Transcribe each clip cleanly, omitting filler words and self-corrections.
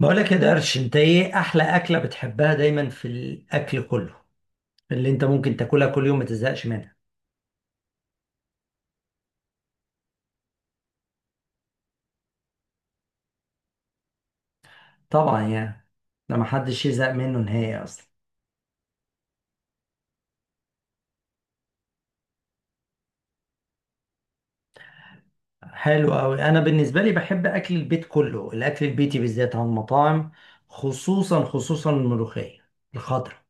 بقولك يا درش، انت ايه احلى اكلة بتحبها دايما في الاكل كله اللي انت ممكن تاكلها كل يوم ما تزهقش منها؟ طبعا يعني ده ما حدش يزهق منه نهائي اصلا. حلو قوي. انا بالنسبة لي بحب اكل البيت كله، الاكل البيتي بالذات عن المطاعم، خصوصا الملوخية الخضراء.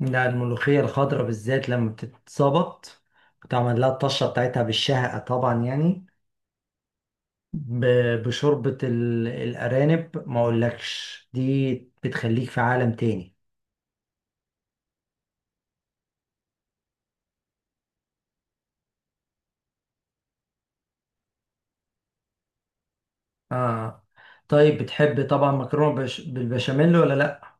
لا، الملوخية الخضراء بالذات لما بتتظبط وتعمل لها الطشة بتاعتها بالشهقة، طبعا يعني الأرانب، ما أقولكش دي بتخليك في عالم تاني. آه. طيب، بتحب طبعا مكرونة بالبشاميل ولا لأ؟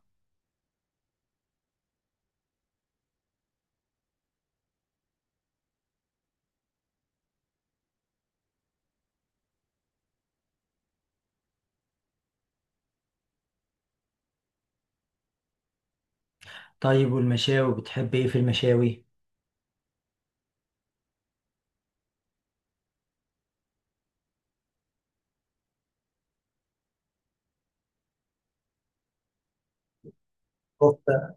طيب، والمشاوي بتحب إيه في المشاوي؟ كفتة،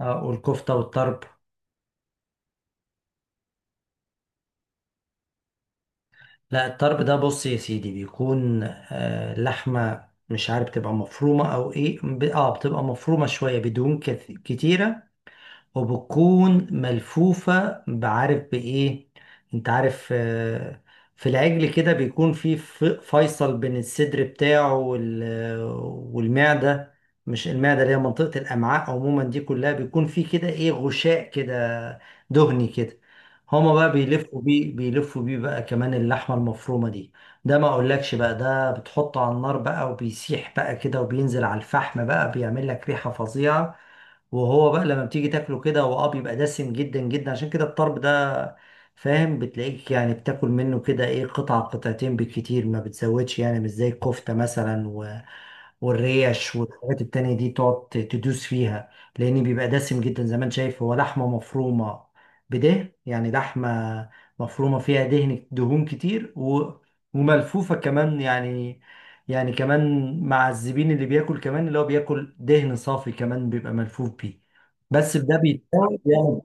آه، والكفتة والطرب. لا، الطرب ده بص يا سيدي، بيكون آه لحمة مش عارف، بتبقى مفرومة أو إيه، آه، بتبقى مفرومة شوية بدهون كتيرة، وبتكون ملفوفة بعارف بإيه. أنت عارف آه، في العجل كده بيكون في فيصل بين الصدر بتاعه والمعدة. مش المعدة اللي هي منطقة الأمعاء عموما، دي كلها بيكون في كده إيه، غشاء كده دهني كده. هما بقى بيلفوا بيه، بيلفوا بيه بقى كمان اللحمة المفرومة دي. ده ما اقولكش بقى، ده بتحطه على النار بقى وبيسيح بقى كده وبينزل على الفحم بقى، بيعمل لك ريحة فظيعة. وهو بقى لما بتيجي تاكله كده، هو اه بيبقى دسم جدا جدا، عشان كده الطرب ده فاهم، بتلاقيك يعني بتاكل منه كده ايه، قطعة قطعتين بالكتير، ما بتزودش، يعني مش زي الكفتة مثلا والريش والحاجات التانية دي تقعد تدوس فيها. لأن بيبقى دسم جدا زي ما انت شايف، هو لحمة مفرومة بده يعني، لحمة مفرومة فيها دهن، دهون كتير وملفوفة كمان يعني، يعني كمان مع الزبين اللي بياكل كمان اللي هو بياكل دهن صافي كمان، بيبقى ملفوف بيه. بس ده بيتساوي يعني.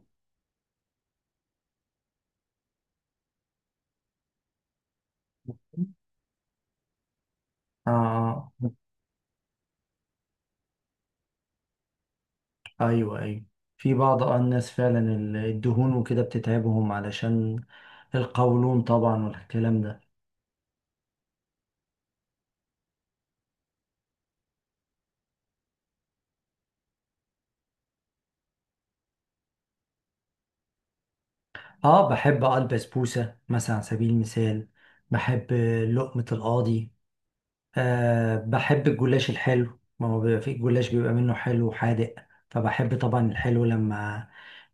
آه آه، أيوه أيوه. في بعض آه الناس فعلا الدهون وكده بتتعبهم، علشان القولون طبعا والكلام ده. اه، بحب اه البسبوسة مثلا على سبيل المثال، بحب لقمة القاضي، آه بحب الجلاش الحلو. ما هو بيبقى في الجلاش بيبقى منه حلو وحادق، فبحب طبعا الحلو لما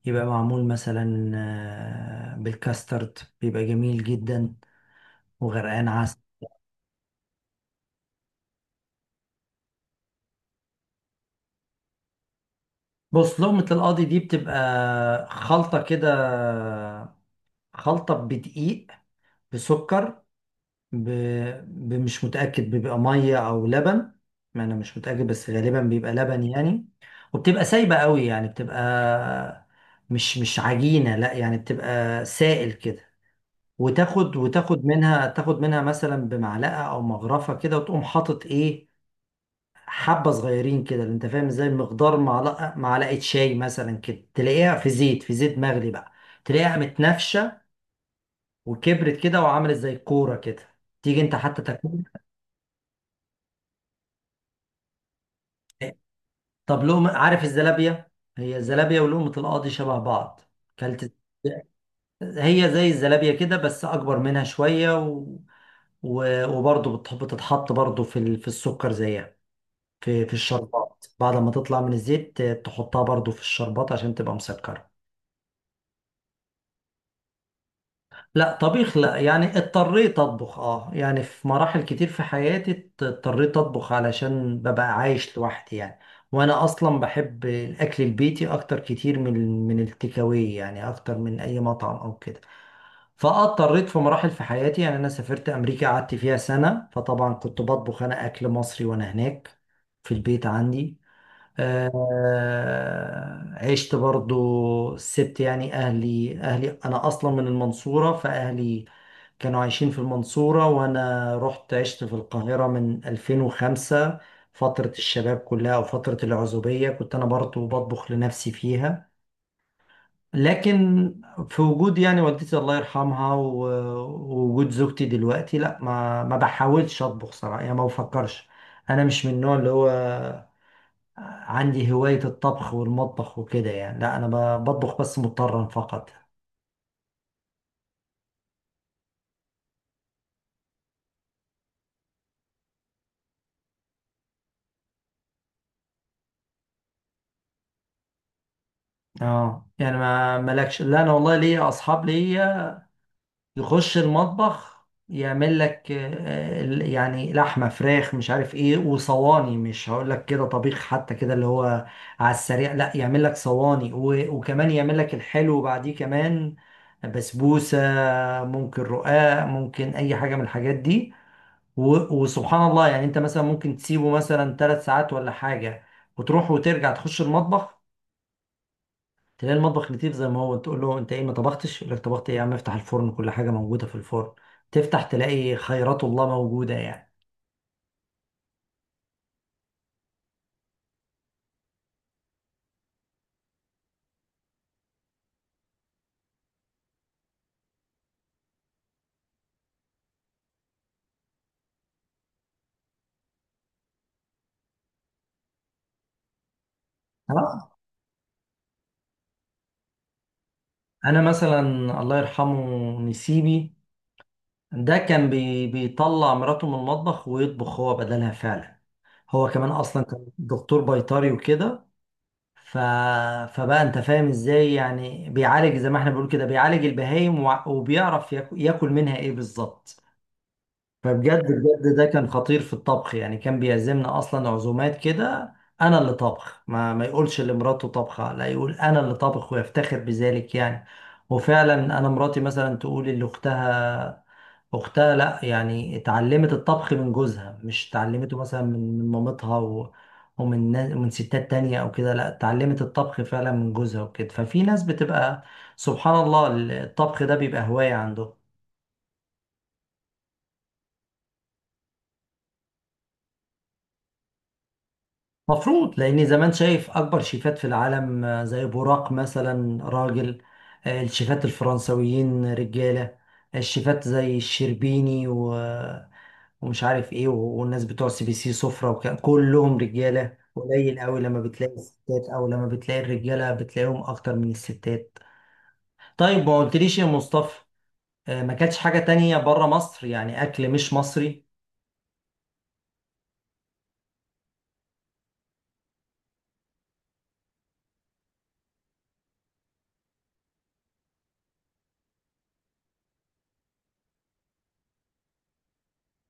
يبقى معمول مثلا آه بالكاسترد، بيبقى جميل جدا وغرقان عسل. بص، لقمة القاضي دي بتبقى خلطة كده، خلطة بدقيق، بسكر، ب... مش متأكد، بيبقى مية أو لبن، ما أنا مش متأكد، بس غالبا بيبقى لبن يعني. وبتبقى سايبة قوي، يعني بتبقى مش عجينة، لا يعني بتبقى سائل كده. وتاخد منها، تاخد منها مثلا بمعلقة أو مغرفة كده، وتقوم حاطط إيه، حبة صغيرين كده، اللي أنت فاهم إزاي، مقدار معلقة، معلقة شاي مثلا كده، تلاقيها في زيت، في زيت مغلي بقى، تلاقيها متنفشة وكبرت كده وعملت زي كورة كده، تيجي أنت حتى تاكلها. طب لقمة، عارف الزلابية؟ هي الزلابية ولقمة القاضي شبه بعض. كلت؟ هي زي الزلابية كده بس أكبر منها شوية وبرضه بتتحط برضه في السكر زيها، في الشربات، بعد ما تطلع من الزيت تحطها برضه في الشربات عشان تبقى مسكرة. لا، طبيخ لا يعني، اضطريت اطبخ اه يعني. في مراحل كتير في حياتي اضطريت اطبخ علشان ببقى عايش لوحدي يعني، وانا اصلا بحب الاكل البيتي اكتر كتير من التكاوي يعني، اكتر من اي مطعم او كده. فاضطريت في مراحل في حياتي يعني، انا سافرت امريكا قعدت فيها سنة، فطبعا كنت بطبخ انا اكل مصري وانا هناك في البيت عندي. آه، عشت برضو سبت يعني أهلي أنا أصلا من المنصورة، فأهلي كانوا عايشين في المنصورة، وأنا رحت عشت في القاهرة من 2005، فترة الشباب كلها أو فترة العزوبية كنت أنا برضو بطبخ لنفسي فيها. لكن في وجود يعني والدتي الله يرحمها ووجود زوجتي دلوقتي، لا ما بحاولش أطبخ صراحة يعني، ما بفكرش. أنا مش من النوع اللي هو عندي هواية الطبخ والمطبخ وكده يعني، لا انا بطبخ بس مضطرا فقط. اه يعني ما مالكش. لا انا والله ليا اصحاب ليا يخش المطبخ يعمل لك آه، يعني لحمة، فراخ، مش عارف ايه، وصواني مش هقول لك كده طبيخ حتى كده اللي هو على السريع، لا يعمل لك صواني وكمان يعمل لك الحلو بعديه كمان، بسبوسة، ممكن رقاق، ممكن اي حاجة من الحاجات دي. وسبحان الله يعني، انت مثلا ممكن تسيبه مثلا ثلاث ساعات ولا حاجة، وتروح وترجع تخش المطبخ تلاقي المطبخ لطيف زي ما هو، تقول له انت ايه ما طبختش، يقول لك طبخت ايه يا عم، افتح الفرن كل حاجة موجودة في الفرن. تفتح تلاقي خيرات الله موجودة يعني. آه. انا مثلا، الله يرحمه، نسيبي ده كان بي، بيطلع مراته من المطبخ ويطبخ هو بدلها فعلا. هو كمان اصلا كان دكتور بيطري وكده، ف... فبقى انت فاهم ازاي يعني، بيعالج زي ما احنا بنقول كده، بيعالج البهايم وبيعرف ياكل منها ايه بالظبط. فبجد بجد ده كان خطير في الطبخ يعني، كان بيعزمنا اصلا عزومات كده، انا اللي طبخ، ما يقولش لمراته طبخه، لا يقول انا اللي طبخ ويفتخر بذلك يعني. وفعلا انا مراتي مثلا تقول اللي اختها، اختها لا يعني اتعلمت الطبخ من جوزها، مش اتعلمته مثلا من مامتها ومن من ستات تانية او كده، لا اتعلمت الطبخ فعلا من جوزها وكده. ففي ناس بتبقى سبحان الله، الطبخ ده بيبقى هواية عنده. مفروض، لان زمان شايف اكبر شيفات في العالم آه، زي بوراق مثلا راجل، آه، الشيفات الفرنسويين رجاله، الشيفات زي الشربيني آه، ومش عارف ايه والناس بتوع سي بي سي سفرة، وكان كلهم رجاله. قليل قوي لما بتلاقي الستات، او لما بتلاقي الرجاله بتلاقيهم اكتر من الستات. طيب ما قلتليش يا مصطفى، آه، ما كانتش حاجه تانية بره مصر يعني اكل مش مصري؟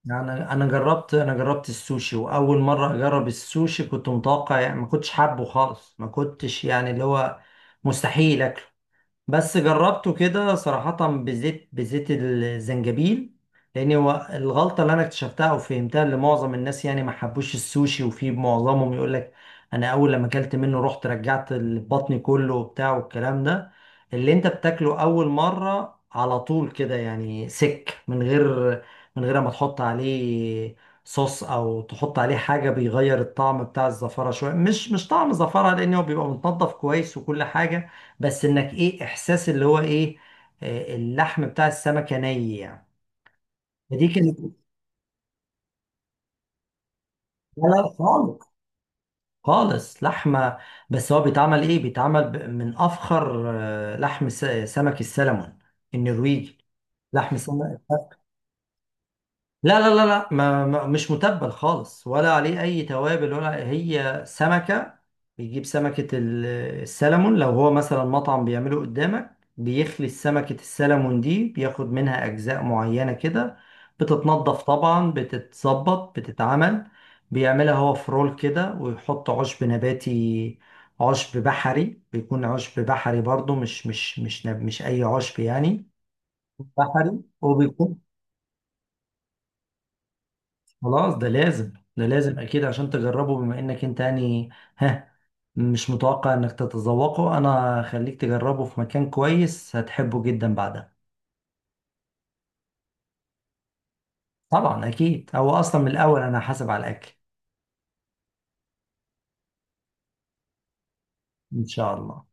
انا جربت، انا جربت السوشي. واول مره اجرب السوشي كنت متوقع يعني، ما كنتش حابه خالص، ما كنتش يعني اللي هو مستحيل اكله. بس جربته كده صراحة بزيت الزنجبيل، لأن هو الغلطة اللي أنا اكتشفتها أو فهمتها، اللي معظم الناس يعني ما حبوش السوشي، وفي معظمهم يقول لك أنا أول لما أكلت منه رحت رجعت بطني كله وبتاع والكلام ده، اللي أنت بتاكله أول مرة على طول كده يعني سك، من غير، من غير ما تحط عليه صوص أو تحط عليه حاجة بيغير الطعم بتاع الزفرة شوية، مش مش طعم زفرة، لأن هو بيبقى متنضف كويس وكل حاجة، بس انك ايه احساس اللي هو ايه، آه، اللحم بتاع السمكه ني يعني. فدي كانت. لا لا خالص خالص لحمه بس هو بيتعمل ايه بيتعمل ب- من افخر آه، لحم س- سمك السلمون النرويجي لحم سمك لا لا لا لا، ما مش متبل خالص، ولا عليه اي توابل ولا، هي سمكة، بيجيب سمكة السلمون. لو هو مثلا مطعم بيعمله قدامك، بيخلي سمكة السلمون دي بياخد منها اجزاء معينة كده، بتتنضف طبعا، بتتظبط، بتتعمل، بيعملها هو في رول كده، ويحط عشب نباتي، عشب بحري، بيكون عشب بحري برضو، مش اي عشب يعني، بحري وبيكون. خلاص، ده لازم، ده لازم اكيد عشان تجربه، بما انك انت يعني، ها، مش متوقع انك تتذوقه، انا خليك تجربه في مكان كويس هتحبه جدا بعدها. طبعا اكيد، هو اصلا من الاول انا حاسب على الاكل. ان شاء الله.